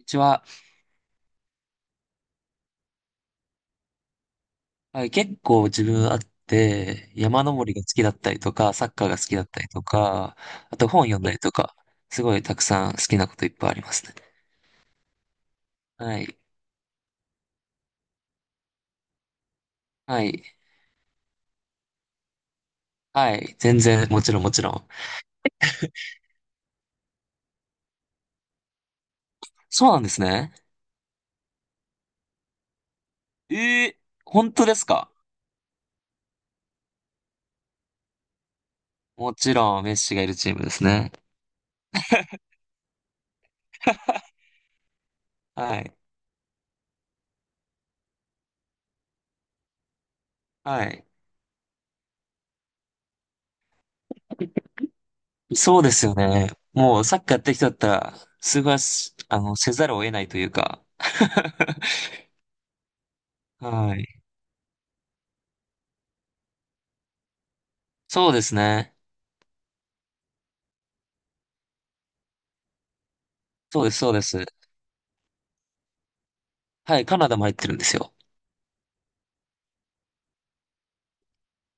うちは、はい結構自分あって、山登りが好きだったりとか、サッカーが好きだったりとか、あと本読んだりとか、すごいたくさん好きなこといっぱいありますね。はい。はい。はい。全然、もちろんもちろん。そうなんですね。えー、本当ですか？もちろん、メッシがいるチームですね。はい。はい。そうですよね。もうサッカーやってる人だったら、すごいせざるを得ないというか。はい。そうですね。そうです、そうです。はい、カナダも入ってるんですよ。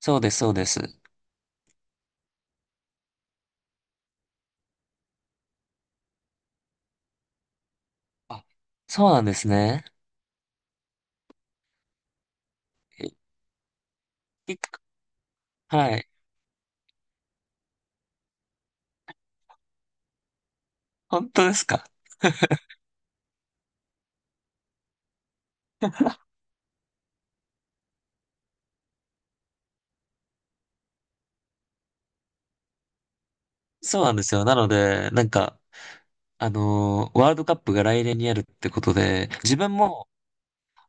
そうです、そうです。あ、そうなんですね。えいはい。本当ですか。そうなんですよ。なので、なんか、ワールドカップが来年にあるってことで、自分も、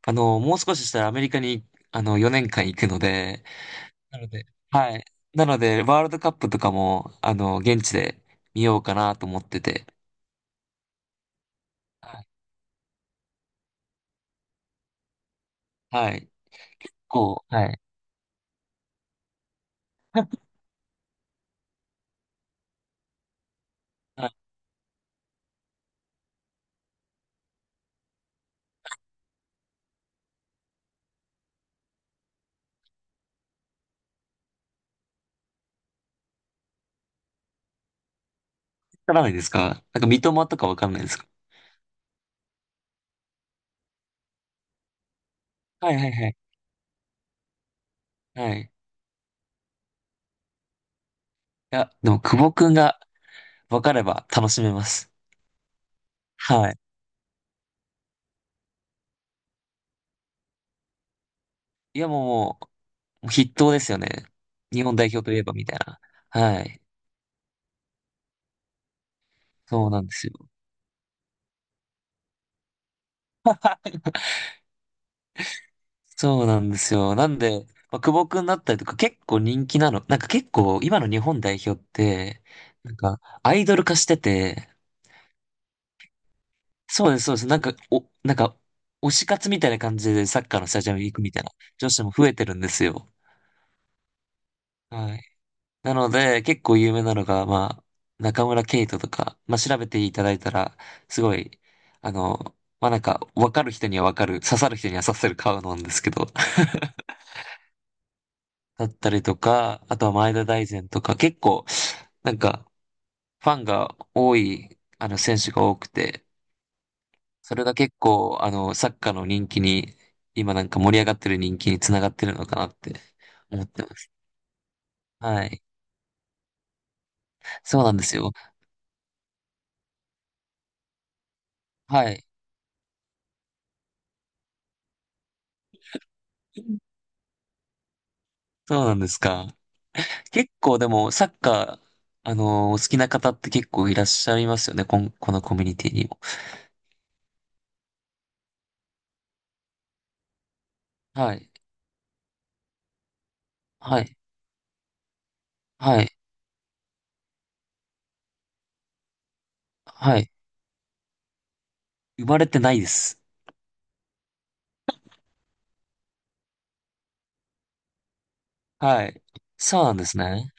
もう少ししたらアメリカに、4年間行くので、なので、はい。なので、ワールドカップとかも、現地で見ようかなと思ってて、はい。はい。はい。あ、わからないですか？なんか、三笘とかわかんないですか？はい、はい、はい。はい。いや、でも、久保くんが分かれば楽しめます。はい。いや、もう、もう、筆頭ですよね。日本代表といえば、みたいな。はい。そうなんですよ。そうなんですよ。なんで、まあ、久保くんだったりとか、結構人気なの。なんか結構、今の日本代表って、なんか、アイドル化してて、そうです、そうです。なんか、推し活みたいな感じでサッカーのスタジアムに行くみたいな女子も増えてるんですよ。はい。なので、結構有名なのが、まあ、中村ケイトとか、まあ、調べていただいたら、すごい、あの、まあ、なんか、わかる人にはわかる、刺さる人には刺さる顔なんですけど、だったりとか、あとは前田大然とか、結構、なんか、ファンが多い、選手が多くて、それが結構、サッカーの人気に、今なんか盛り上がってる人気につながってるのかなって思ってます。はい。そうなんですよ。はい。そうなんですか。結構でも、サッカー、お好きな方って結構いらっしゃいますよね。このコミュニティにも。はい。はい。はい。はい。生まれてないです。はい。そうなんですね。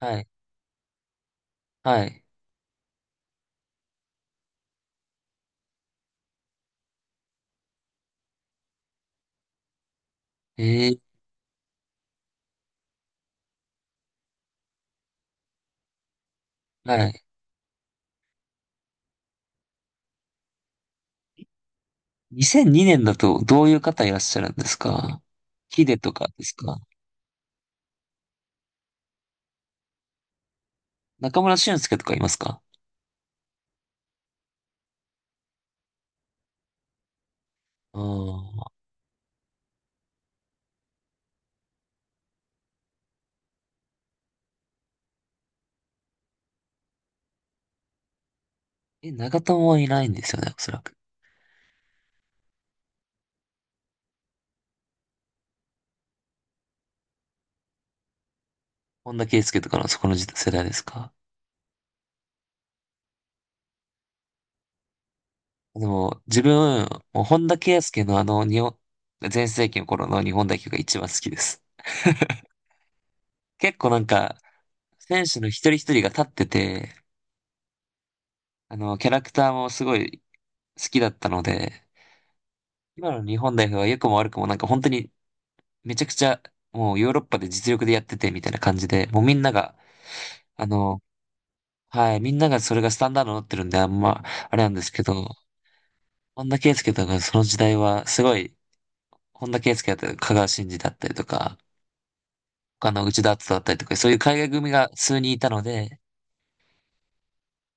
はい。はい。えー、はい。2002年だとどういう方いらっしゃるんですか？ヒデとかですか？中村俊輔とかいますか？ああー。え、長友はいないんですよね、おそらく。本田圭佑とかのそこの時世代ですか？でも、自分、もう本田圭佑の全盛期の頃の日本代表が一番好きです。結構なんか、選手の一人一人が立ってて、キャラクターもすごい好きだったので、今の日本代表は良くも悪くもなんか本当にめちゃくちゃ、もうヨーロッパで実力でやっててみたいな感じで、もうみんなが、あの、はい、みんながそれがスタンダードになってるんで、あんま、あれなんですけど、本田圭佑とかその時代はすごい、本田圭佑だったり、香川真司だったりとか、他の内田篤人だったりとか、そういう海外組が数人いたので、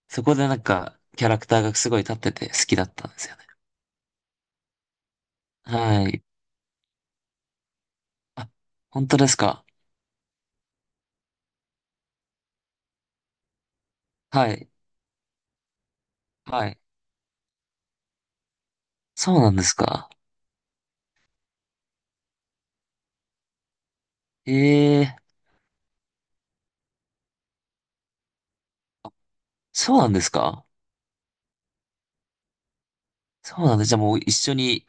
そこでなんか、キャラクターがすごい立ってて好きだったんですよね。はい。あ、本当ですか。はい。はい。そうなんですか。ええ、そうなんですか。そうなんです。じゃあもう一緒に、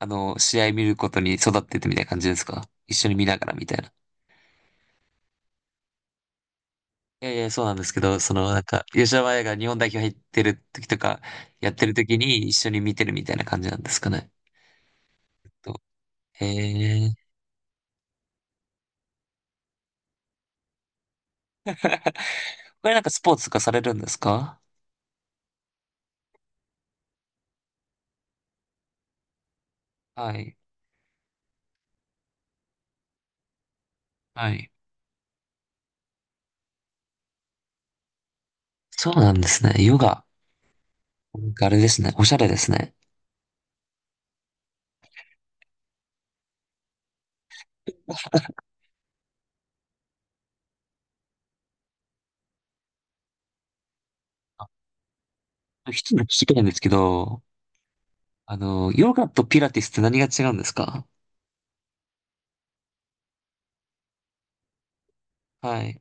試合見ることに育っててみたいな感じですか。一緒に見ながらみたいな。いやいや、そうなんですけど、なんか、吉田麻也が日本代表入ってる時とか、やってる時に一緒に見てるみたいな感じなんですかね。とへえ。これなんかスポーツとかされるんですか？はい。はい。そうなんですね。ヨガ。なんかあれですね。おしゃれですね。あ、一つ聞きたいんですけど、ヨガとピラティスって何が違うんですか？はい。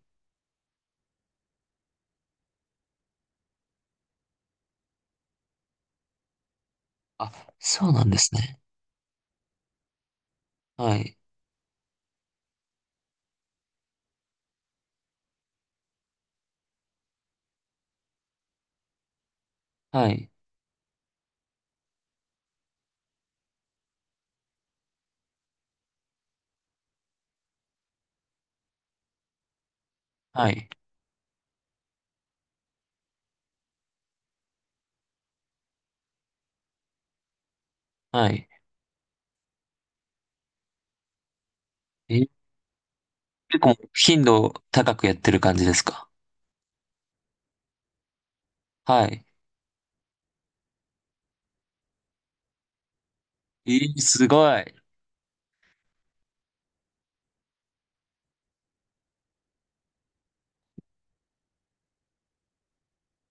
あ、そうなんですね。はい。はい。はい。はい。え、結構頻度高くやってる感じですか？はい。えすごい。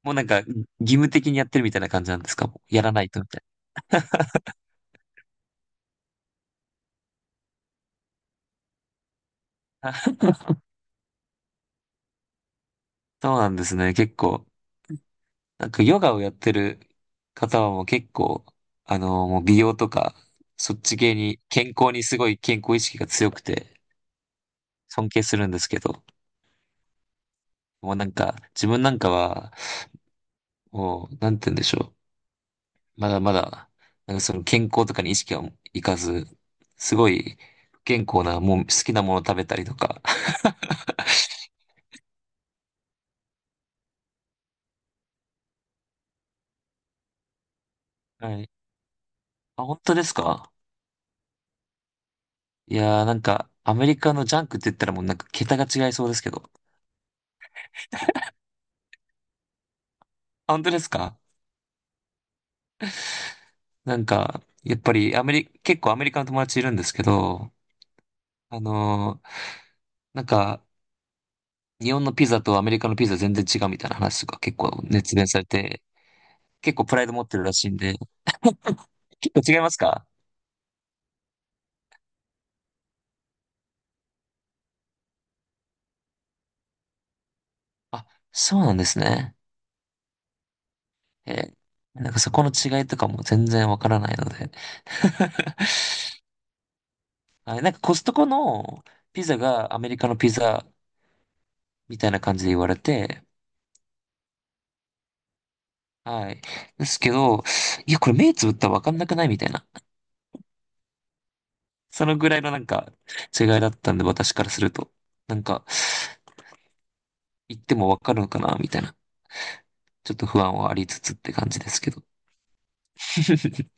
もうなんか義務的にやってるみたいな感じなんですか？やらないとみたいな。そうなんですね。結構。なんかヨガをやってる方はもう結構、もう美容とか、そっち系に、健康にすごい健康意識が強くて、尊敬するんですけど、もうなんか、自分なんかは、もう、なんて言うんでしょう。まだまだ、なんかその健康とかに意識はいかず、すごい不健康な、もう好きなものを食べたりとか。はい。あ、本当ですか？いやー、なんか、アメリカのジャンクって言ったらもうなんか桁が違いそうですけど。あ、本当ですか？なんか、やっぱりアメリ、結構アメリカの友達いるんですけど、あのーなんか、日本のピザとアメリカのピザ全然違うみたいな話とか結構熱弁されて、結構プライド持ってるらしいんで、結構違いますか？あ、そうなんですね。えーなんかそこの違いとかも全然わからないので。はい、なんかコストコのピザがアメリカのピザみたいな感じで言われて、はい。ですけど、いや、これ目つぶったらわかんなくないみたいな。そのぐらいのなんか違いだったんで、私からすると。なんか、言ってもわかるのかなみたいな。ちょっと不安はありつつって感じですけど。